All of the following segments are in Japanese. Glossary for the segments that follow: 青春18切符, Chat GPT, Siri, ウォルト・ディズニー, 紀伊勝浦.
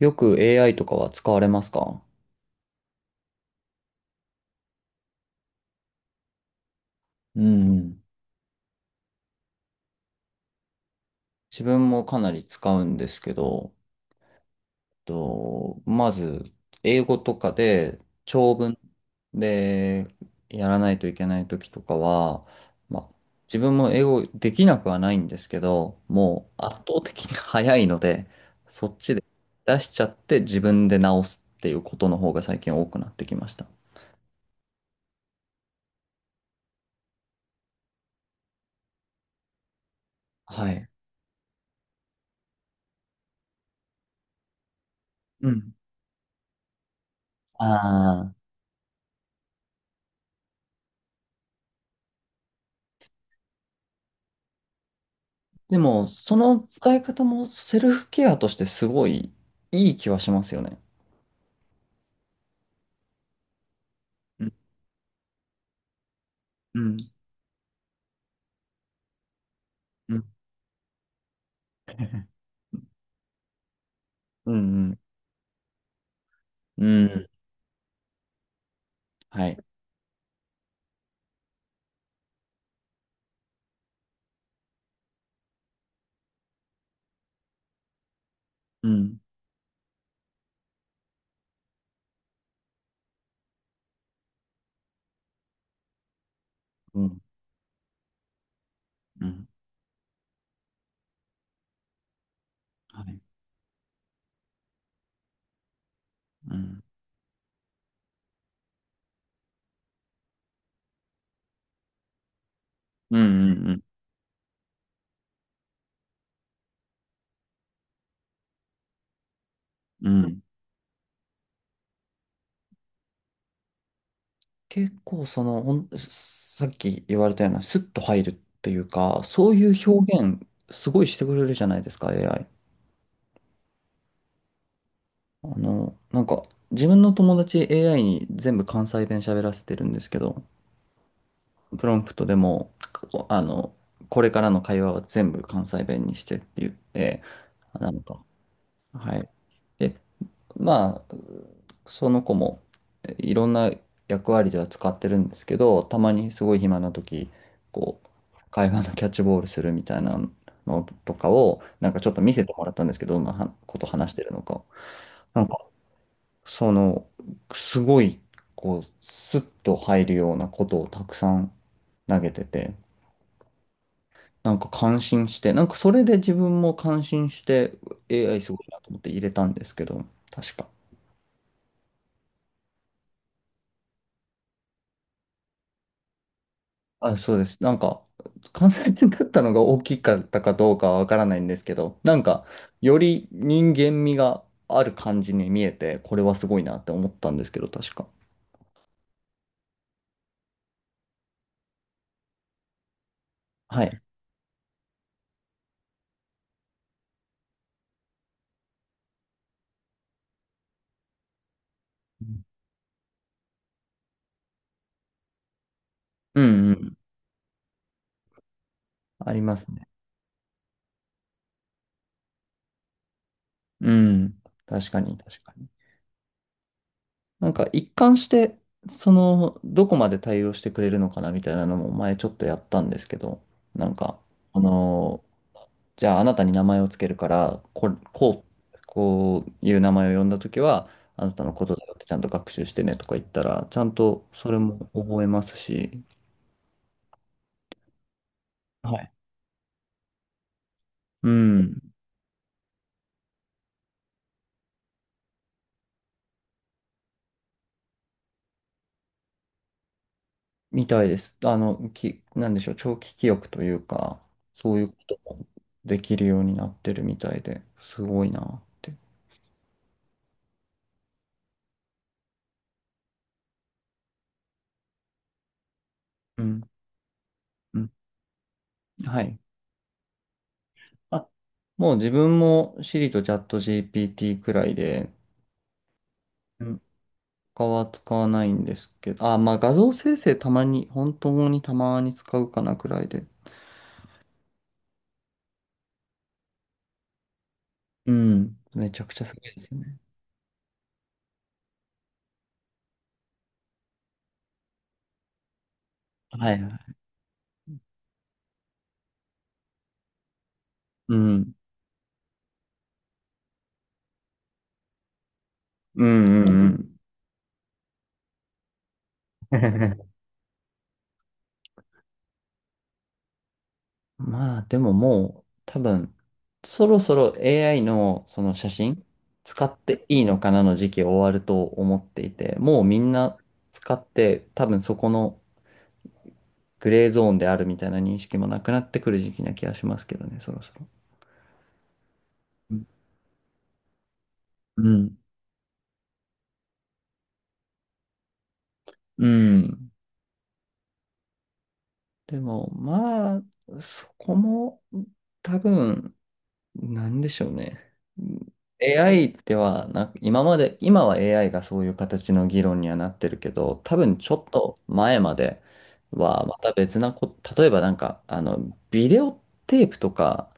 よく AI とかは使われますか？うん。自分もかなり使うんですけど、まず、英語とかで長文でやらないといけない時とかは、まあ、自分も英語できなくはないんですけど、もう圧倒的に早いので、そっちで出しちゃって自分で直すっていうことの方が最近多くなってきました。はい。うん。ああ。でも、その使い方もセルフケアとしてすごいいい気はしますよね。うんうんうん。 うん、うん、うん、はい。うん、うん、うん、はい。うん、うん、うん、うん。うん。結構、さっき言われたような、スッと入るっていうか、そういう表現、すごいしてくれるじゃないですか、AI。なんか、自分の友達 AI に全部関西弁喋らせてるんですけど、プロンプトでも、こあの、これからの会話は全部関西弁にしてって言って、なんか、はい。で、まあ、その子もいろんな役割では使ってるんですけど、たまにすごい暇な時、こう、会話のキャッチボールするみたいなのとかを、なんかちょっと見せてもらったんですけど、どんなはこと話してるのか。なんか、その、すごい、こう、スッと入るようなことをたくさん投げてて、なんか感心して、なんかそれで自分も感心して AI すごいなと思って入れたんですけど、確か。あ、そうです。なんか、関西弁だったのが大きかったかどうかはわからないんですけど、なんか、より人間味がある感じに見えて、これはすごいなって思ったんですけど、確か。はい。うんうん。ありますね。うん。確かに、確かに。なんか一貫して、どこまで対応してくれるのかなみたいなのも前ちょっとやったんですけど、なんか、あのーじゃああなたに名前をつけるから、こういう名前を呼んだときは、あなたのことだよってちゃんと学習してねとか言ったら、ちゃんとそれも覚えますし、はい。うん、みたいです。なんでしょう、長期記憶というか、そういうこともできるようになってるみたいで、すごいなって。うん、うん、はい。あ、もう自分も Siri とチャット GPT くらいで、うん。他は使わないんですけど、あ、まあ画像生成たまに、本当にたまに使うかなくらいで。うん。めちゃくちゃすごいですよね。はいはい。うん。うんうんうん。うん。まあでも、もう多分そろそろ AI のその写真使っていいのかなの時期終わると思っていて、もうみんな使って、多分そこのグレーゾーンであるみたいな認識もなくなってくる時期な気がしますけどね、そろそろ。うん。うん。でも、まあ、そこも多分、なんでしょうね。AI ではな今まで、今は AI がそういう形の議論にはなってるけど、多分ちょっと前まではまた別なこ、例えばなんか、ビデオテープとか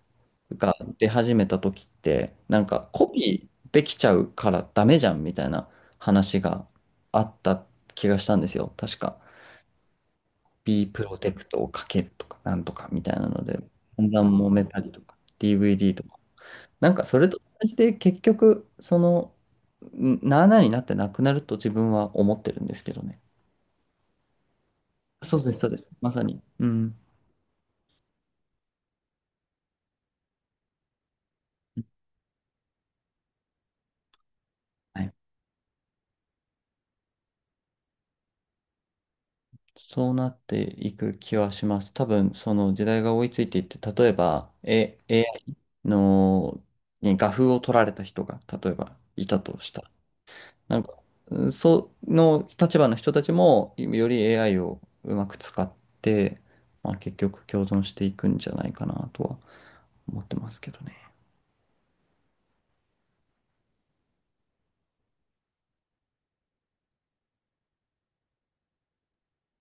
が出始めた時って、なんかコピーできちゃうからダメじゃんみたいな話があった気がしたんですよ。確か。B プロテクトをかけるとか、なんとかみたいなので、だんだん揉めたりとか、DVD とか。なんかそれと同じで結局そのんなあなあになってなくなると自分は思ってるんですけどね。そうです、そうです。まさに。うん。はい。そうなっていく気はします。多分その時代が追いついていって、例えば、AI のに画風を取られた人が例えばいたとした。なんか、うん、その立場の人たちもより AI をうまく使って、まあ、結局共存していくんじゃないかなとは思ってますけどね。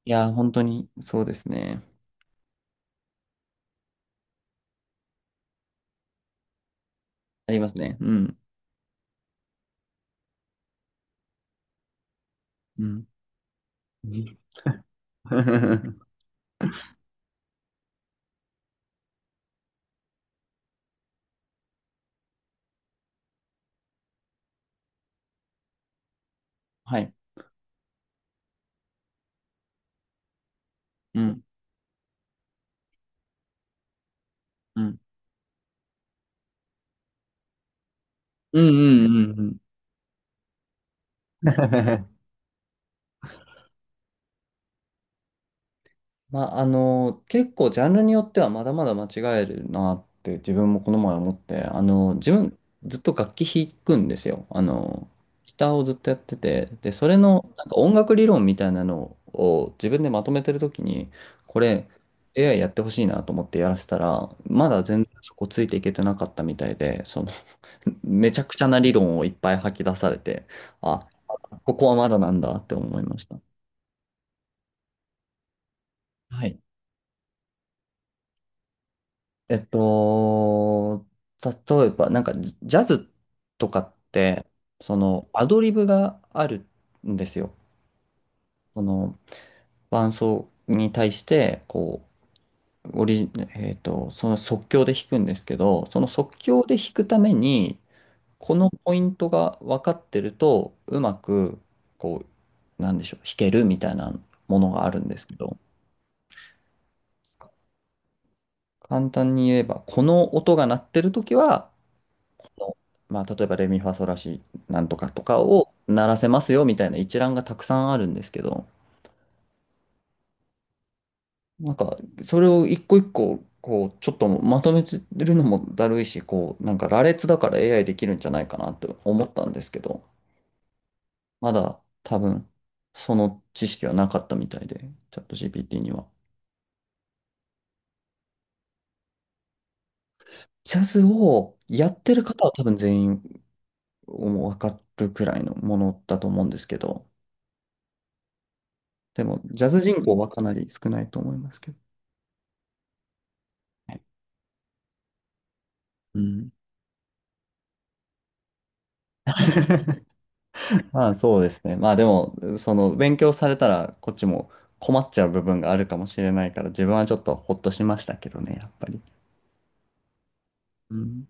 いやー、本当にそうですね。ありますね。うん。うん。はい。うん。うん。うんうんうんうん。まあ、結構ジャンルによってはまだまだ間違えるなって自分もこの前思って、自分ずっと楽器弾くんですよ。ギターをずっとやってて、で、それのなんか音楽理論みたいなのを自分でまとめてるときに、これ AI やってほしいなと思ってやらせたら、まだ全然そこついていけてなかったみたいで、めちゃくちゃな理論をいっぱい吐き出されて、あ、ここはまだなんだって思いました。はい。えっと、例えば、なんかジャズとかって、そのアドリブがあるんですよ。その伴奏に対して、こう、オリジ、その即興で弾くんですけど、その即興で弾くために、このポイントが分かってると、うまく、こう、なんでしょう、弾けるみたいなものがあるんですけど、簡単に言えば、この音が鳴ってるときは、まあ、例えばレミファソラシなんとかとかを鳴らせますよみたいな一覧がたくさんあるんですけど、なんか、それを一個一個、こう、ちょっとまとめてるのもだるいし、こう、なんか羅列だから AI できるんじゃないかなと思ったんですけど、まだ多分、その知識はなかったみたいで、チャット GPT には。ジャズをやってる方は多分全員もう分かるくらいのものだと思うんですけど、でも、ジャズ人口はかなり少ないと思いますけど。はい。うん。まあそうですね。まあでも、その勉強されたらこっちも困っちゃう部分があるかもしれないから、自分はちょっとほっとしましたけどね、やっぱり。うん